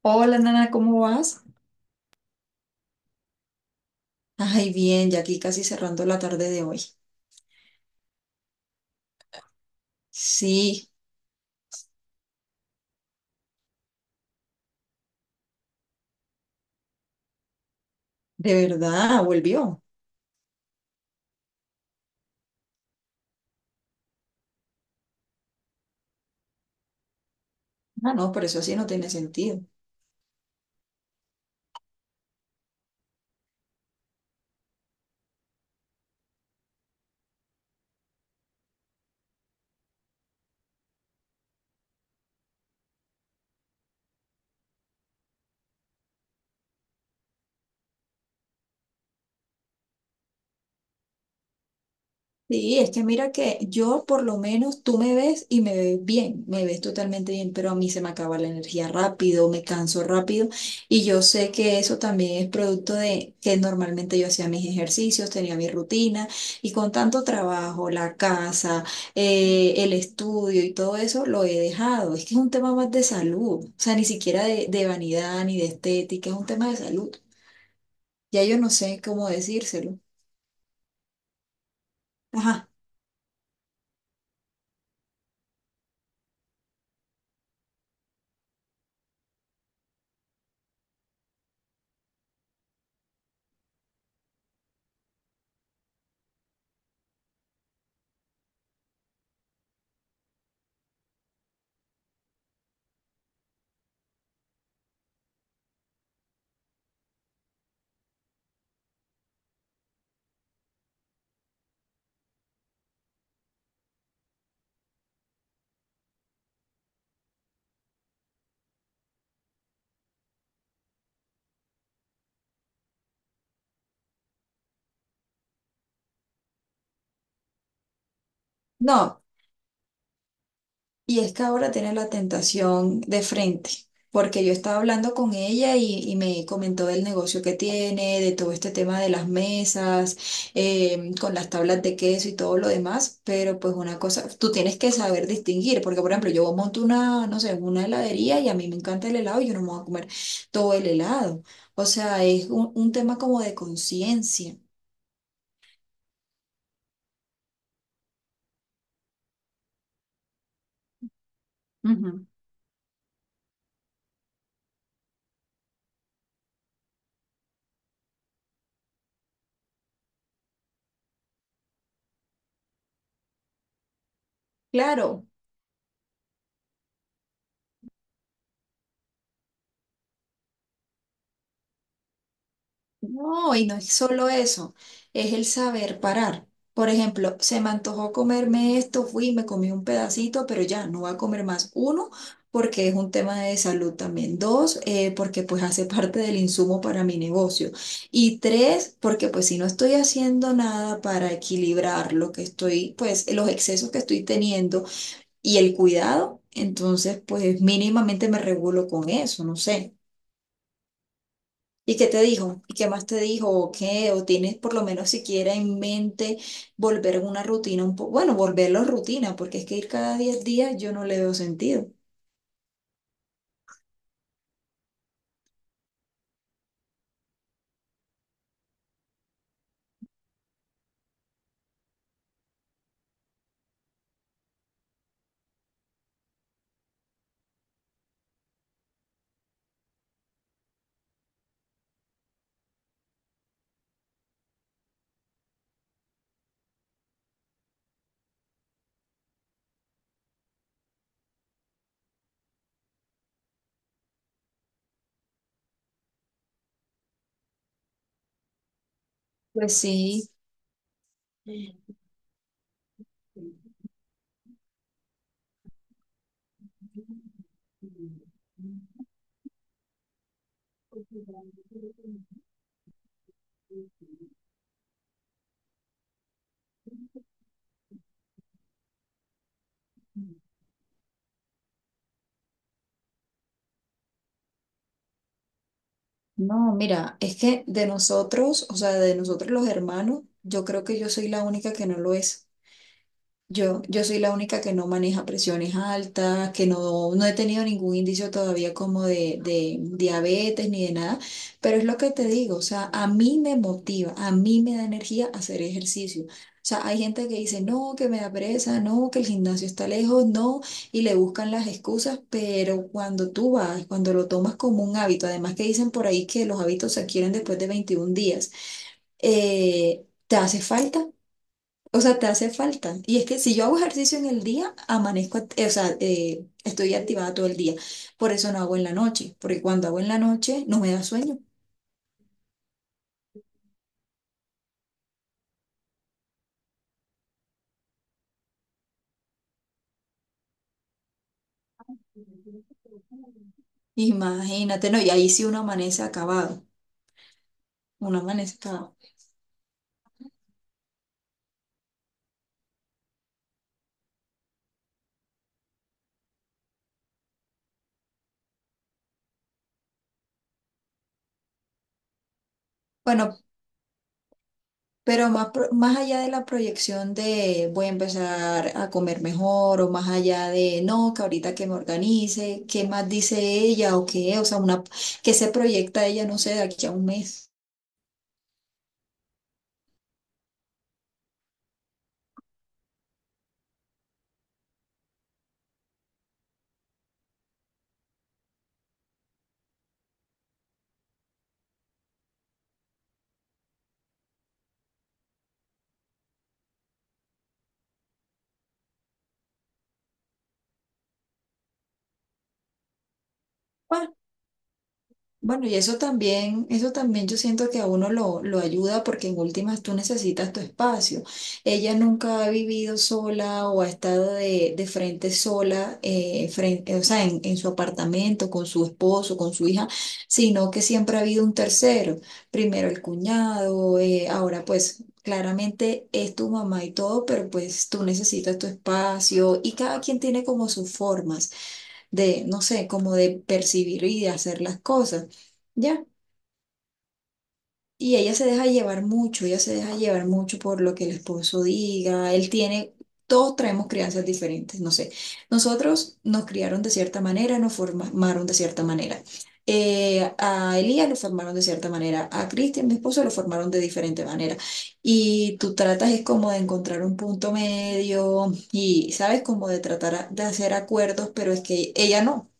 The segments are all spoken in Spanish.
Hola, Nana, ¿cómo vas? Ay, bien, ya aquí casi cerrando la tarde de hoy. Sí, de verdad, volvió. Ah, no, pero eso sí no tiene sentido. Sí, es que mira que yo por lo menos tú me ves y me ves bien, me ves totalmente bien, pero a mí se me acaba la energía rápido, me canso rápido y yo sé que eso también es producto de que normalmente yo hacía mis ejercicios, tenía mi rutina y con tanto trabajo, la casa, el estudio y todo eso lo he dejado. Es que es un tema más de salud, o sea, ni siquiera de vanidad ni de estética, es un tema de salud. Ya yo no sé cómo decírselo. Ajá. No. Y es que ahora tiene la tentación de frente, porque yo estaba hablando con ella y me comentó del negocio que tiene, de todo este tema de las mesas, con las tablas de queso y todo lo demás, pero pues una cosa, tú tienes que saber distinguir, porque por ejemplo yo monto una, no sé, una heladería y a mí me encanta el helado y yo no me voy a comer todo el helado. O sea, es un tema como de conciencia. Ujú. Claro, no, y no es solo eso, es el saber parar. Por ejemplo, se me antojó comerme esto, fui, me comí un pedacito, pero ya no voy a comer más. Uno, porque es un tema de salud también. Dos, porque pues hace parte del insumo para mi negocio. Y tres, porque pues si no estoy haciendo nada para equilibrar lo que estoy, pues los excesos que estoy teniendo y el cuidado, entonces pues mínimamente me regulo con eso, no sé. ¿Y qué te dijo? ¿Y qué más te dijo? ¿O qué? ¿O tienes por lo menos siquiera en mente volver a una rutina un poco? Bueno, volverlo rutina, porque es que ir cada 10 días yo no le veo sentido. Pues sí. No, mira, es que de nosotros, o sea, de nosotros los hermanos, yo creo que yo soy la única que no lo es. Yo soy la única que no maneja presiones altas, que no, no he tenido ningún indicio todavía como de, diabetes ni de nada, pero es lo que te digo, o sea, a mí me motiva, a mí me da energía hacer ejercicio. O sea, hay gente que dice, no, que me da pereza, no, que el gimnasio está lejos, no, y le buscan las excusas, pero cuando tú vas, cuando lo tomas como un hábito, además que dicen por ahí que los hábitos se adquieren después de 21 días, ¿te hace falta? O sea, te hace falta. Y es que si yo hago ejercicio en el día, amanezco, estoy activada todo el día. Por eso no hago en la noche, porque cuando hago en la noche no me da sueño. Imagínate, no, y ahí sí uno amanece acabado, uno amanece acabado. Bueno, pero más, más allá de la proyección de voy a empezar a comer mejor o más allá de no, que ahorita que me organice, ¿qué más dice ella o qué? O sea, una, que se proyecta ella, no sé, de aquí a un mes. Bueno, y eso también yo siento que a uno lo ayuda porque en últimas tú necesitas tu espacio. Ella nunca ha vivido sola o ha estado de frente sola, frente, o sea, en su apartamento, con su esposo, con su hija, sino que siempre ha habido un tercero. Primero el cuñado, ahora pues claramente es tu mamá y todo, pero pues tú necesitas tu espacio y cada quien tiene como sus formas de, no sé, como de percibir y de hacer las cosas, ¿ya? Y ella se deja llevar mucho, ella se deja llevar mucho por lo que el esposo diga, él tiene, todos traemos crianzas diferentes, no sé, nosotros nos criaron de cierta manera, nos formaron de cierta manera. A Elías lo formaron de cierta manera, a Cristian, mi esposo, lo formaron de diferente manera. Y tú tratas es como de encontrar un punto medio y sabes como de tratar de hacer acuerdos, pero es que ella no.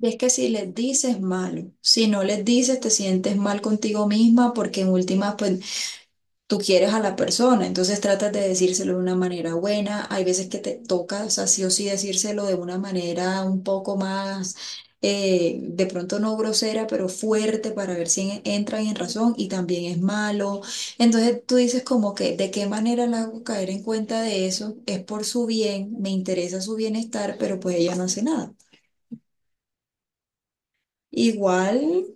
Y es que si les dices malo, si no les dices te sientes mal contigo misma porque en últimas pues tú quieres a la persona, entonces tratas de decírselo de una manera buena, hay veces que te toca, o sea, sí o sí decírselo de una manera un poco más, de pronto no grosera, pero fuerte para ver si entran en razón y también es malo, entonces tú dices como que de qué manera la hago caer en cuenta de eso, es por su bien, me interesa su bienestar, pero pues ella no hace nada. Igual,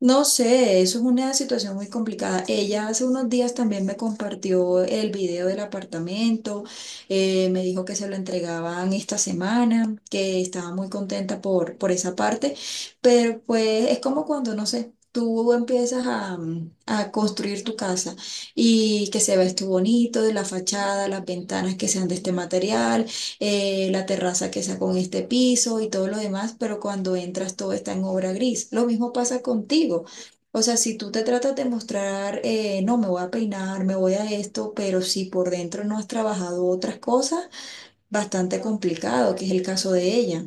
no sé, eso es una situación muy complicada. Ella hace unos días también me compartió el video del apartamento, me dijo que se lo entregaban esta semana, que estaba muy contenta por esa parte, pero pues es como cuando, no sé. Tú empiezas a, a construir tu casa y que se ve esto bonito, de la fachada, las ventanas que sean de este material, la terraza que sacó en este piso y todo lo demás, pero cuando entras todo está en obra gris. Lo mismo pasa contigo. O sea, si tú te tratas de mostrar, no, me voy a peinar, me voy a esto, pero si por dentro no has trabajado otras cosas, bastante complicado, que es el caso de ella.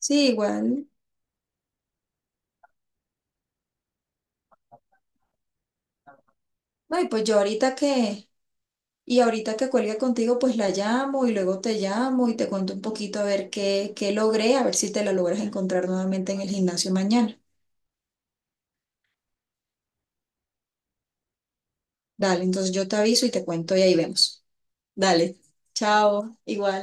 Sí, igual. Ay, pues yo ahorita que, y ahorita que cuelgue contigo, pues la llamo y luego te llamo y te cuento un poquito a ver qué, logré, a ver si te la logras encontrar nuevamente en el gimnasio mañana. Dale, entonces yo te aviso y te cuento y ahí vemos. Dale, chao, igual.